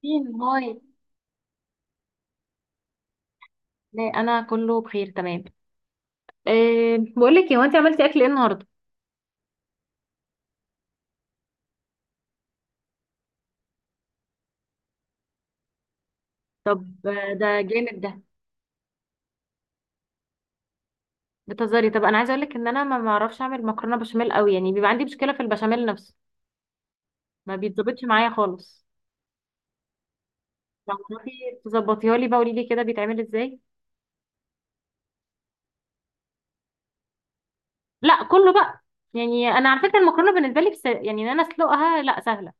فين هاي؟ لا، انا كله بخير تمام. أه، بقول لك، هو انت عملتي اكل ايه النهارده؟ طب، ده جامد ده. بتهزري؟ طب انا عايزه اقول لك ان انا ما بعرفش اعمل مكرونه بشاميل قوي، يعني بيبقى عندي مشكله في البشاميل نفسه. ما بيتظبطش معايا خالص. تعرفي تظبطيها لي بقى؟ قولي لي كده بيتعمل ازاي. لا، كله بقى. يعني انا على فكره المكرونه بالنسبه لي، بس يعني ان انا اسلقها لا سهله.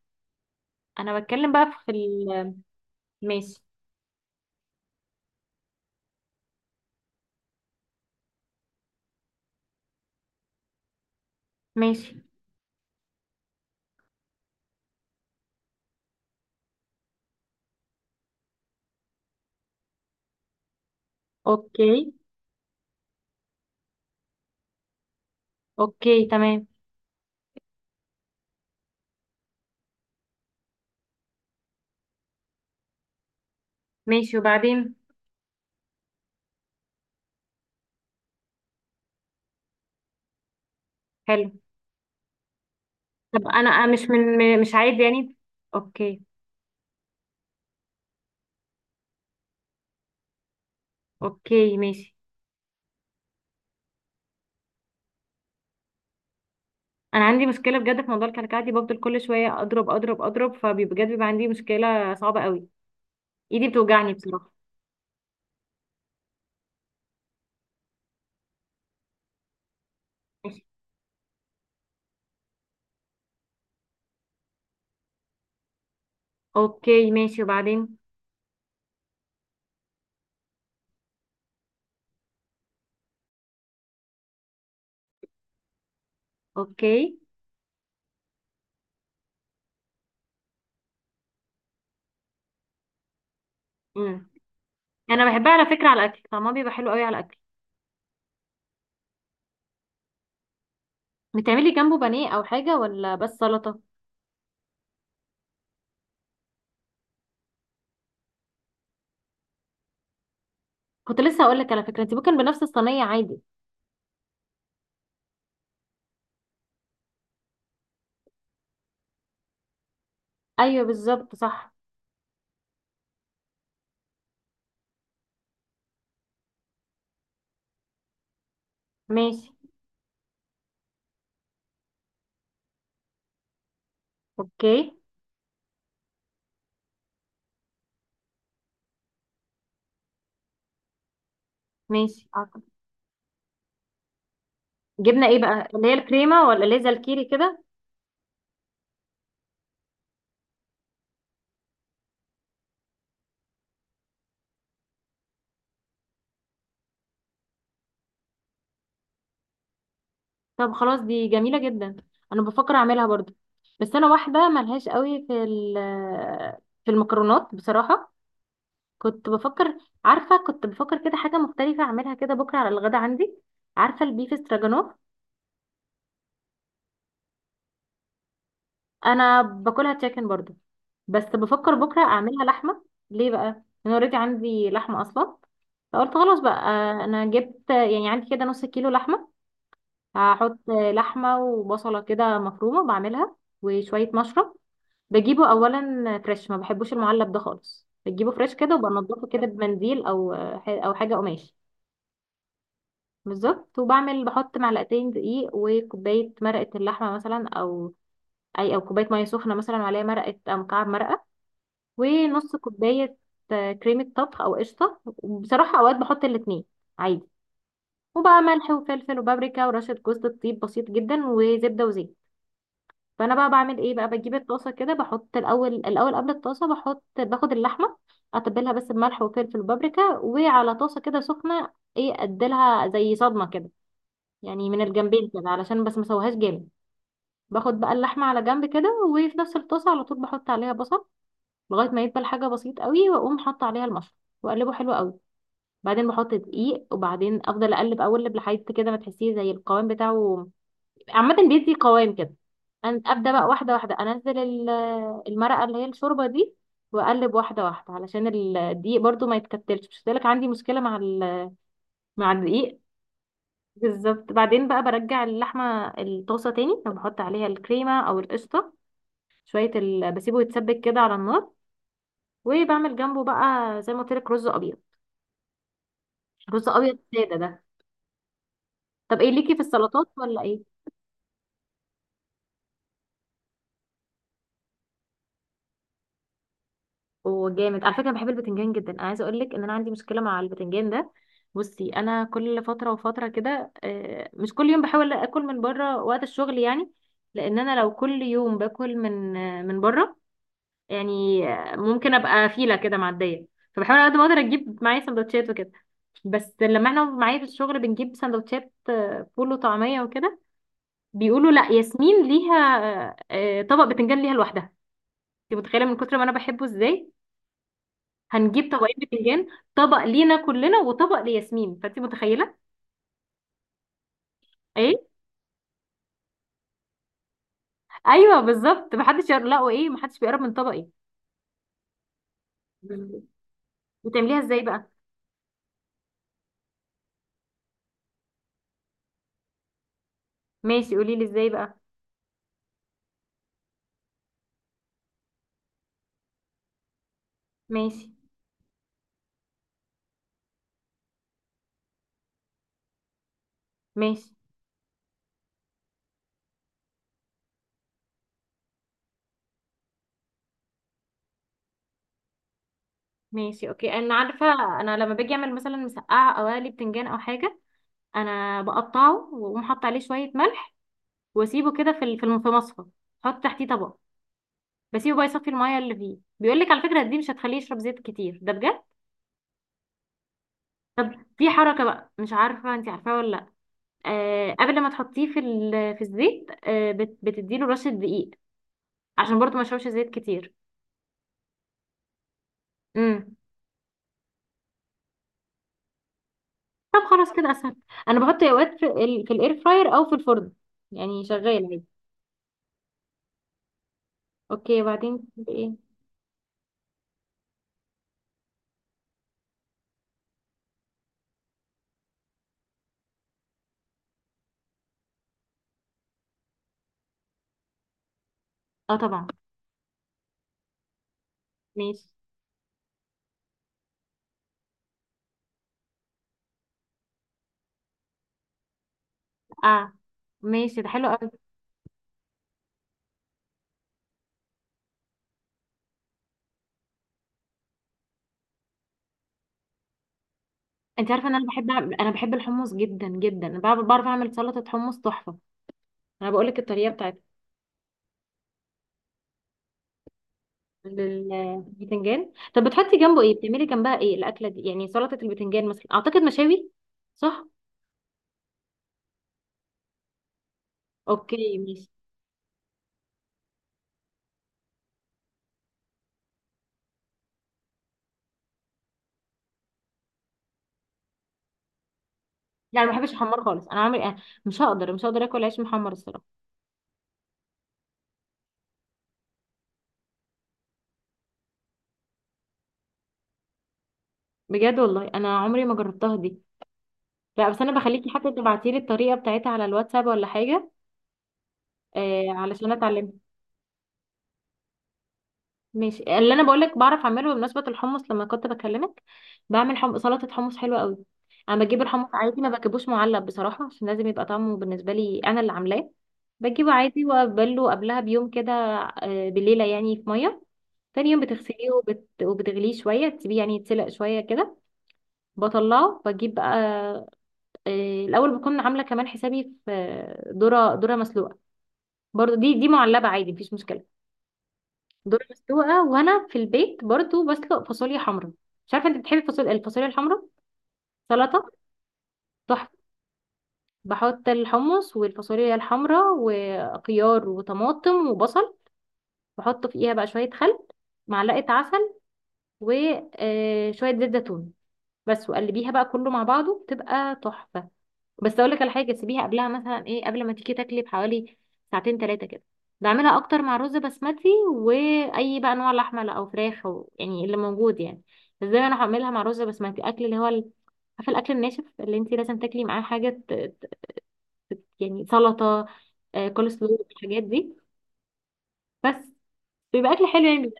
انا بتكلم بقى في ال- ماشي. ماشي. اوكي. اوكي، تمام. ماشي، وبعدين؟ حلو. طب انا مش من، مش عادي يعني. اوكي. اوكي، ماشي. انا عندي مشكله بجد في موضوع الكلكعه دي، بفضل كل شويه اضرب اضرب اضرب، فبجد بيبقى عندي مشكله صعبه قوي. ايدي بتوجعني بصراحه. ماشي. اوكي، ماشي، وبعدين؟ اوكي. امم. انا بحبها على فكره على الاكل، طعمها بيبقى حلو قوي على الاكل. بتعملي جنبه بانيه او حاجه، ولا بس سلطه؟ كنت لسه هقول لك على فكره، انت ممكن بنفس الصينيه عادي. ايوه، بالظبط، صح. ماشي. اوكي. ماشي، أعتقد. جبنه ايه بقى؟ اللي هي الكريمه، ولا اللي هي زي الكيري كده؟ طب خلاص، دي جميلة جدا. انا بفكر اعملها برضو. بس انا واحدة ملهاش قوي في المكرونات بصراحة. كنت بفكر عارفة، كنت بفكر كده حاجة مختلفة اعملها كده بكرة على الغدا عندي. عارفة البيف استراجانوف؟ انا باكلها تشيكن برضو. بس بفكر بكرة اعملها لحمة. ليه بقى؟ انا اوريدي عندي لحمة اصلا، فقلت خلاص بقى. انا جبت يعني عندي كده نص كيلو لحمة. هحط لحمة وبصلة كده مفرومة بعملها، وشوية مشروم. بجيبه اولا فريش، ما بحبوش المعلب ده خالص، بجيبه فريش كده، وبنضفه كده بمنديل، او حاجه قماش. بالظبط. بحط معلقتين دقيق وكوبايه مرقه اللحمه مثلا، او اي، او كوبايه ميه سخنه مثلا وعليها مرقه او مكعب مرقه، ونص كوبايه كريمه طبخ او قشطه. بصراحه اوقات بحط الاتنين عادي. وبقى ملح وفلفل وبابريكا ورشه جوز الطيب بسيط جدا، وزبده وزيت. فانا بقى بعمل ايه بقى؟ بجيب الطاسه كده، بحط الاول، الاول قبل الطاسه، باخد اللحمه، اتبلها بس بملح وفلفل وبابريكا، وعلى طاسه كده سخنه، ايه، اديلها زي صدمه كده، يعني من الجنبين كده علشان بس ما اسويهاش جامد. باخد بقى اللحمه على جنب كده، وفي نفس الطاسه على طول بحط عليها بصل لغايه ما يدبل، حاجه بسيط قوي، واقوم حاطه عليها المشروم، واقلبه حلو قوي. بعدين بحط دقيق، وبعدين افضل اقلب اقلب لحد كده ما تحسيه زي القوام بتاعه. عامة بيدي قوام كده. ابدا بقى واحدة واحدة انزل المرقة، اللي هي الشوربة دي، واقلب واحدة واحدة علشان الدقيق برضو ما يتكتلش، مش لك عندي مشكلة مع الدقيق. بالظبط. بعدين بقى برجع اللحمة الطاسة تاني، وبحط عليها الكريمة او القشطة، شوية بسيبه يتسبك كده على النار. وبعمل جنبه بقى، زي ما قلت لك، رز ابيض. رز ابيض سادة ده. طب ايه ليكي في السلطات ولا ايه؟ وجامد على فكره، أنا بحب البتنجان جدا. انا عايزه اقول لك ان انا عندي مشكله مع البتنجان ده. بصي انا كل فتره وفتره كده، مش كل يوم، بحاول اكل من بره وقت الشغل يعني. لان انا لو كل يوم باكل من بره، يعني ممكن ابقى فيله كده معديه. فبحاول على قد ما اقدر اجيب معايا سندوتشات وكده. بس لما احنا معايا في الشغل بنجيب سندوتشات فول وطعميه وكده، بيقولوا: لا، ياسمين ليها طبق بتنجان ليها لوحدها. انت متخيله من كتر ما انا بحبه ازاي؟ هنجيب طبقين بتنجان، طبق لينا كلنا وطبق لياسمين. فانت متخيله. ايه. ايوه، بالظبط، محدش يقرب، لا وايه، محدش بيقرب من طبقي. بالظبط. بتعمليها ازاي بقى؟ ماشي، قولي لي ازاي بقى. ماشي. ماشي. ماشي. اوكي، انا عارفه. انا لما باجي اعمل مثلا مسقعه او اقلي بتنجان او حاجه، انا بقطعه واقوم حاطه عليه شويه ملح، واسيبه كده في مصفى، احط تحتيه طبق، بسيبه بقى يصفي الميه اللي فيه. بيقول لك على فكره دي مش هتخليه يشرب زيت كتير ده، بجد. طب في حركه بقى، مش عارفه انت عارفاها ولا؟ قبل ما تحطيه في الزيت، بتديله رشة دقيق، عشان برضو ما يشربش زيت كتير. امم. طب خلاص، كده اسهل. انا بحط اوقات في الاير فراير او في الفرن، يعني شغال عادي. اوكي، وبعدين؟ ايه؟ اه، طبعا. ماشي. اه، ماشي، ده حلو قوي. انت عارفه ان انا بحب الحمص جدا جدا. أنا بعرف اعمل سلطه حمص تحفه. انا بقول لك الطريقه بتاعتها. للبتنجان، طب بتحطي جنبه ايه؟ بتعملي جنبها ايه الاكله دي يعني؟ سلطه البتنجان مثلا، اعتقد، مشاوي؟ صح. اوكي، ماشي. لا، انا ما بحبش الحمار خالص. انا عمري أنا مش هقدر اكل عيش محمر الصراحه. بجد والله انا عمري ما جربتها دي. لا بس انا بخليكي حتى تبعتي لي الطريقه بتاعتها على الواتساب ولا حاجه. آه، علشان اتعلمها. ماشي. اللي انا بقول لك بعرف اعمله بمناسبه الحمص لما كنت بكلمك، بعمل سلطه حمص حلوه قوي. انا بجيب الحمص عادي، ما بجيبوش معلب بصراحه، عشان لازم يبقى طعمه بالنسبه لي انا اللي عاملاه. بجيبه عادي وابله قبلها بيوم كده، بليله يعني في ميه. تاني يوم بتغسليه، وبتغليه شوية، تسيبيه يعني يتسلق شوية كده، بطلعه. بجيب بقى الأول بكون عاملة كمان حسابي في ذرة مسلوقة، برضو دي معلبة عادي، مفيش مشكلة. ذرة مسلوقة، وأنا في البيت برضو بسلق فاصوليا حمرا. مش عارفة أنت بتحبي الفاصوليا الحمرا؟ سلطة تحفة. بحط الحمص والفاصوليا الحمرا وخيار وطماطم وبصل، بحط فيها بقى شوية خل، معلقة عسل، وشوية زيت زيتون، بس، وقلبيها بقى كله مع بعضه تبقى تحفة. بس اقول لك على حاجة، سيبيها قبلها مثلا ايه، قبل ما تيجي تاكلي بحوالي ساعتين ثلاثة كده. بعملها اكتر مع رز بسمتي، واي بقى انواع لحمة او فراخ او يعني اللي موجود يعني. بس دايما انا هعملها مع رز بسمتي اكل، اللي هو ال- عارفة الاكل الناشف اللي انت لازم تاكلي معاه حاجة يعني سلطة، كول سلو الحاجات دي، بس. بيبقى اكل حلو يعني.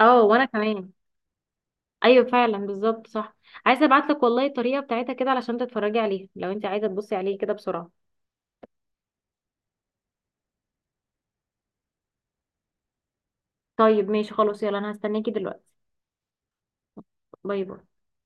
اه، وانا كمان. ايوه، فعلا، بالظبط، صح. عايزه ابعت لك والله الطريقه بتاعتها كده، علشان تتفرجي عليها لو انت عايزه تبصي عليه كده بسرعه. طيب، ماشي، خلاص، يلا، انا هستناكي دلوقتي. باي باي.